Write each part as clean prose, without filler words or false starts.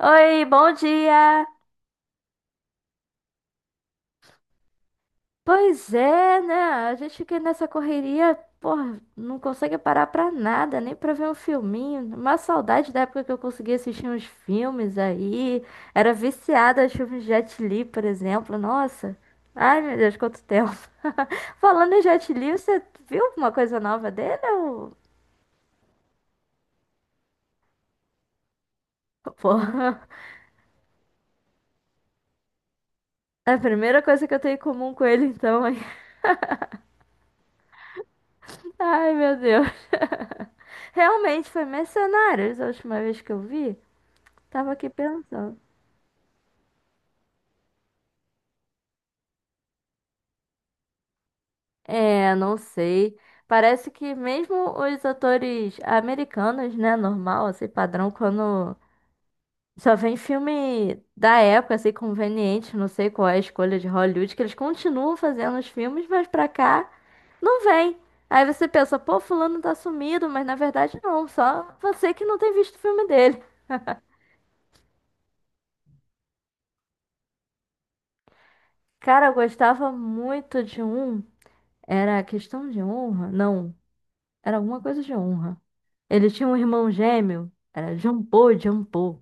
Oi, bom dia! Pois é, né? A gente fica nessa correria, porra, não consegue parar pra nada, nem pra ver um filminho. Uma saudade da época que eu conseguia assistir uns filmes aí. Era viciada aos filmes de Jet Li, por exemplo. Nossa! Ai, meu Deus, quanto tempo! Falando em Jet Li, você viu alguma coisa nova dele? Ou... Porra! É a primeira coisa que eu tenho em comum com ele, então. Ai, meu Deus! Realmente foi Mercenários a última vez que eu vi. Tava aqui pensando. É, não sei. Parece que mesmo os atores americanos, né, normal, assim, padrão, quando só vem filme da época, assim, conveniente, não sei qual é a escolha de Hollywood, que eles continuam fazendo os filmes, mas pra cá não vem. Aí você pensa, pô, fulano tá sumido, mas na verdade não, só você que não tem visto o filme dele. Cara, eu gostava muito de um, era Questão de Honra? Não. Era alguma coisa de honra. Ele tinha um irmão gêmeo. Era Jampô, Jampô.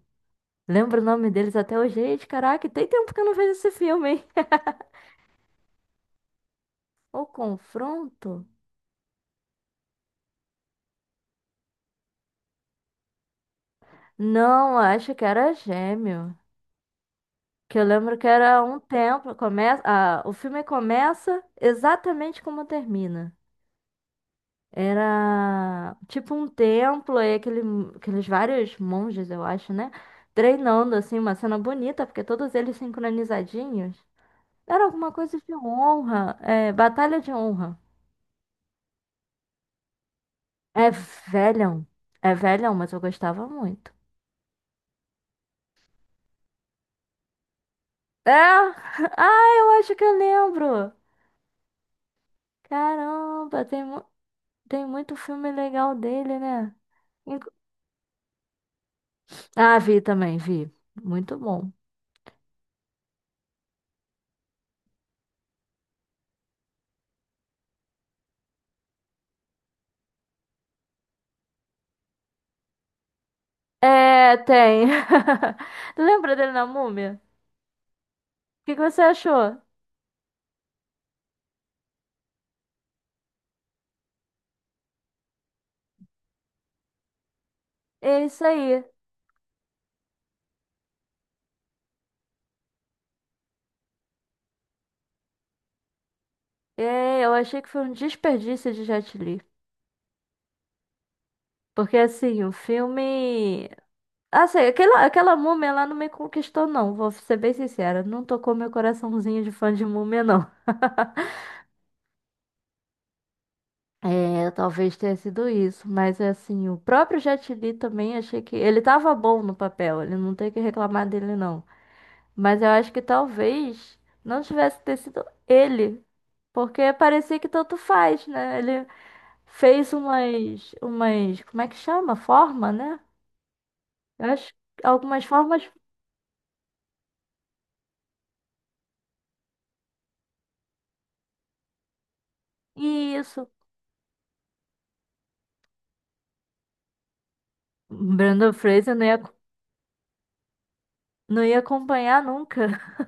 Lembro o nome deles até hoje. Gente, caraca, tem tempo que eu não vejo esse filme, hein? O confronto? Não, acho que era gêmeo. Que eu lembro que era um templo. Começa, ah, o filme começa exatamente como termina. Era tipo um templo e aquele, aqueles vários monges, eu acho, né? Treinando, assim, uma cena bonita, porque todos eles sincronizadinhos. Era alguma coisa de honra. É, Batalha de Honra. É velhão. É velhão, mas eu gostava muito. É! Ah, eu acho que eu lembro. Caramba, tem, tem muito filme legal dele, né? Inclu- Ah, vi também, vi. Muito bom. É, tem. Lembra dele na Múmia? O que que você achou? É isso aí. É, eu achei que foi um desperdício de Jet Li. Porque, assim, o filme. Assim, aquela múmia lá não me conquistou, não. Vou ser bem sincera. Não tocou meu coraçãozinho de fã de múmia, não. É, talvez tenha sido isso. Mas, assim, o próprio Jet Li também achei que. Ele tava bom no papel. Ele não tem que reclamar dele, não. Mas eu acho que talvez não tivesse ter sido ele. Porque parecia que tanto faz, né? Ele fez umas. Umas. Como é que chama? Forma, né? Eu acho. Que Algumas formas. Isso. Brandon Fraser não ia. Não ia acompanhar nunca.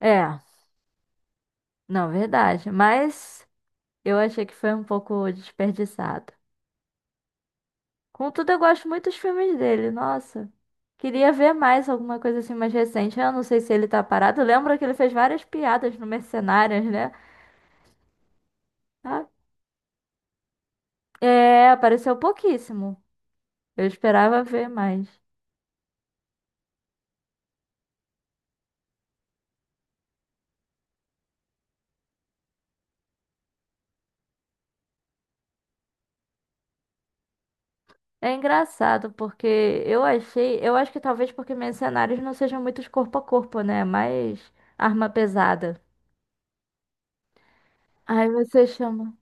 É, não, verdade. Mas eu achei que foi um pouco desperdiçado. Contudo, eu gosto muito dos filmes dele. Nossa, queria ver mais alguma coisa assim mais recente. Eu não sei se ele tá parado. Lembra que ele fez várias piadas no Mercenários, né? Ah, é, apareceu pouquíssimo. Eu esperava ver mais. É engraçado porque eu achei, eu acho que talvez porque Mercenários não sejam muitos corpo a corpo, né? Mais arma pesada. Aí você chama.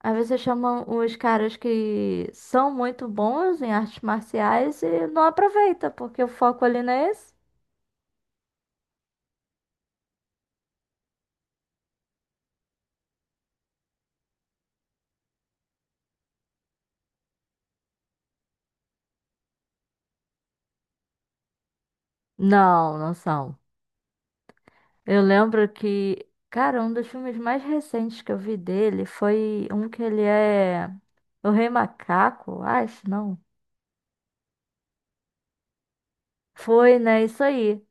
Aí você chama os caras que são muito bons em artes marciais e não aproveita, porque o foco ali não é esse. Não, não são. Eu lembro que, cara, um dos filmes mais recentes que eu vi dele foi um que ele é o Rei Macaco, acho, não. Foi, né? Isso aí.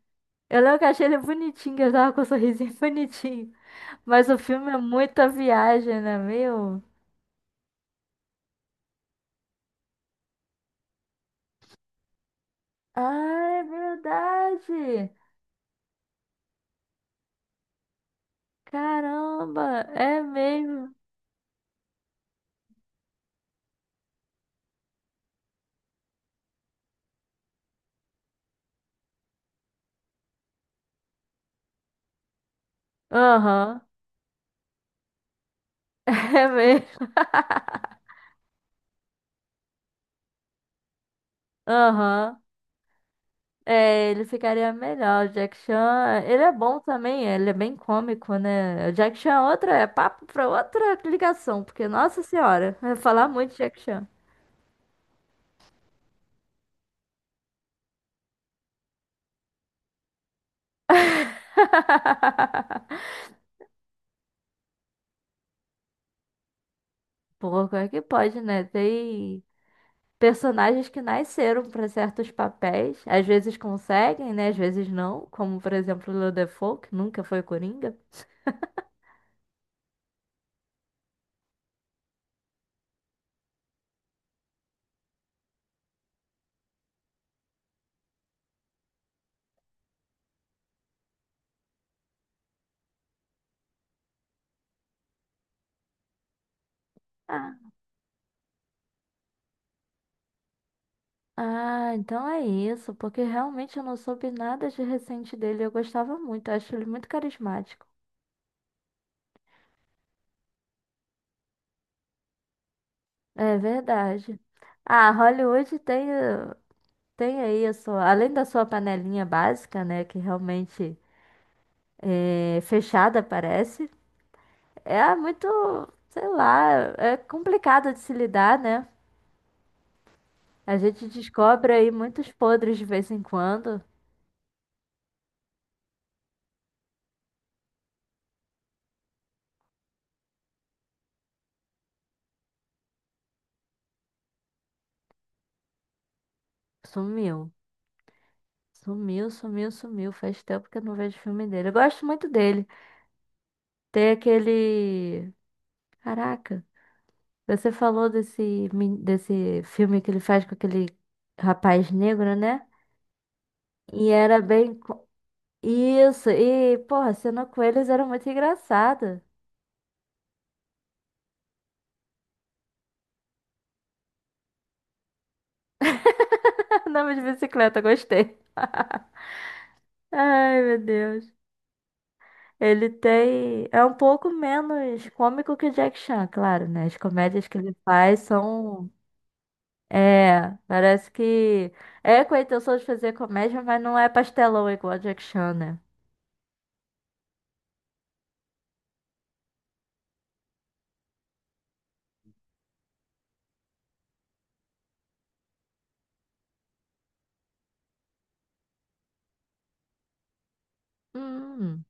Eu lembro que eu achei ele bonitinho, que ele tava com um sorrisinho bonitinho. Mas o filme é muita viagem, né, meu? Ah, é verdade! Caramba, é mesmo. Aham, é mesmo. Aham. É, ele ficaria melhor. O Jack Chan, ele é bom também, ele é bem cômico, né? O Jack Chan é outra, é papo pra outra ligação, porque, nossa senhora, vai falar muito de Jack Chan. Pô, como é que pode, né? Tem personagens que nasceram pra certos papéis, às vezes conseguem, né? Às vezes não, como por exemplo o Willem Dafoe, que nunca foi Coringa. Ah, ah, então é isso, porque realmente eu não soube nada de recente dele. Eu gostava muito, eu acho ele muito carismático. É verdade. Ah, Hollywood tem, tem aí a sua, além da sua panelinha básica, né, que realmente é fechada, parece, é muito, sei lá, é complicado de se lidar, né? A gente descobre aí muitos podres de vez em quando. Sumiu. Sumiu, sumiu, sumiu. Faz tempo que eu não vejo filme dele. Eu gosto muito dele. Tem aquele. Caraca, você falou desse, desse filme que ele faz com aquele rapaz negro, né? E era bem. Isso, e, porra, a cena com eles era muito engraçada. Andava de bicicleta, gostei. Ai, meu Deus. Ele tem. É um pouco menos cômico que o Jack Chan, claro, né? As comédias que ele faz são. É, parece que. É com a intenção de fazer comédia, mas não é pastelão igual o Jack Chan, né? Hum.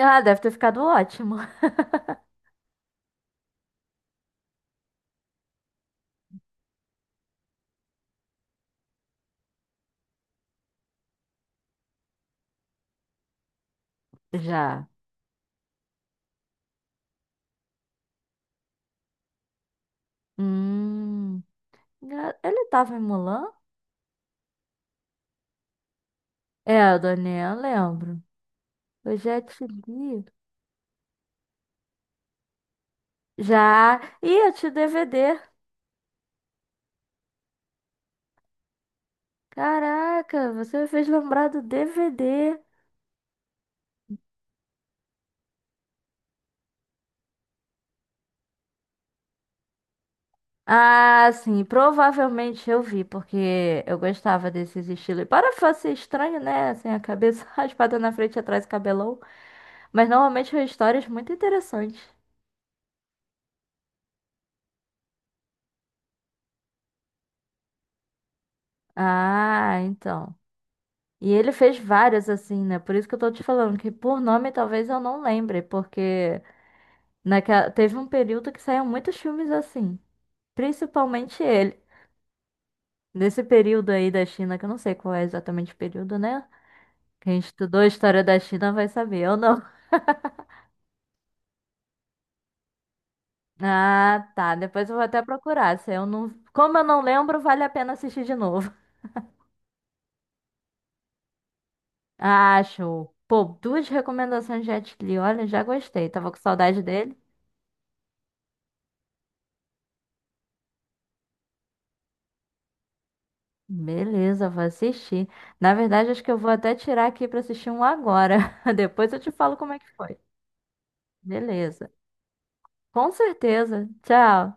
Ah, deve ter ficado ótimo. Já. Hum. Ah, ele tava em Mulan? É, a Daniel, eu lembro. Eu já te li. Já. Ih, eu te DVD. Caraca, você me fez lembrar do DVD. Ah, sim, provavelmente eu vi, porque eu gostava desses estilos. E para fazer estranho, né? Assim, a cabeça raspada na frente e atrás, cabelão. Mas normalmente são histórias muito interessantes. Ah, então. E ele fez várias assim, né? Por isso que eu tô te falando que por nome talvez eu não lembre, porque naquela... teve um período que saíram muitos filmes assim, principalmente ele. Nesse período aí da China, que eu não sei qual é exatamente o período, né? Quem estudou a história da China vai saber, eu não. Ah, tá. Depois eu vou até procurar. Se eu não... Como eu não lembro, vale a pena assistir de novo. Ah, show. Pô, duas recomendações de Jet Li. Olha, já gostei. Tava com saudade dele. Beleza, vou assistir. Na verdade, acho que eu vou até tirar aqui pra assistir um agora. Depois eu te falo como é que foi. Beleza. Com certeza. Tchau.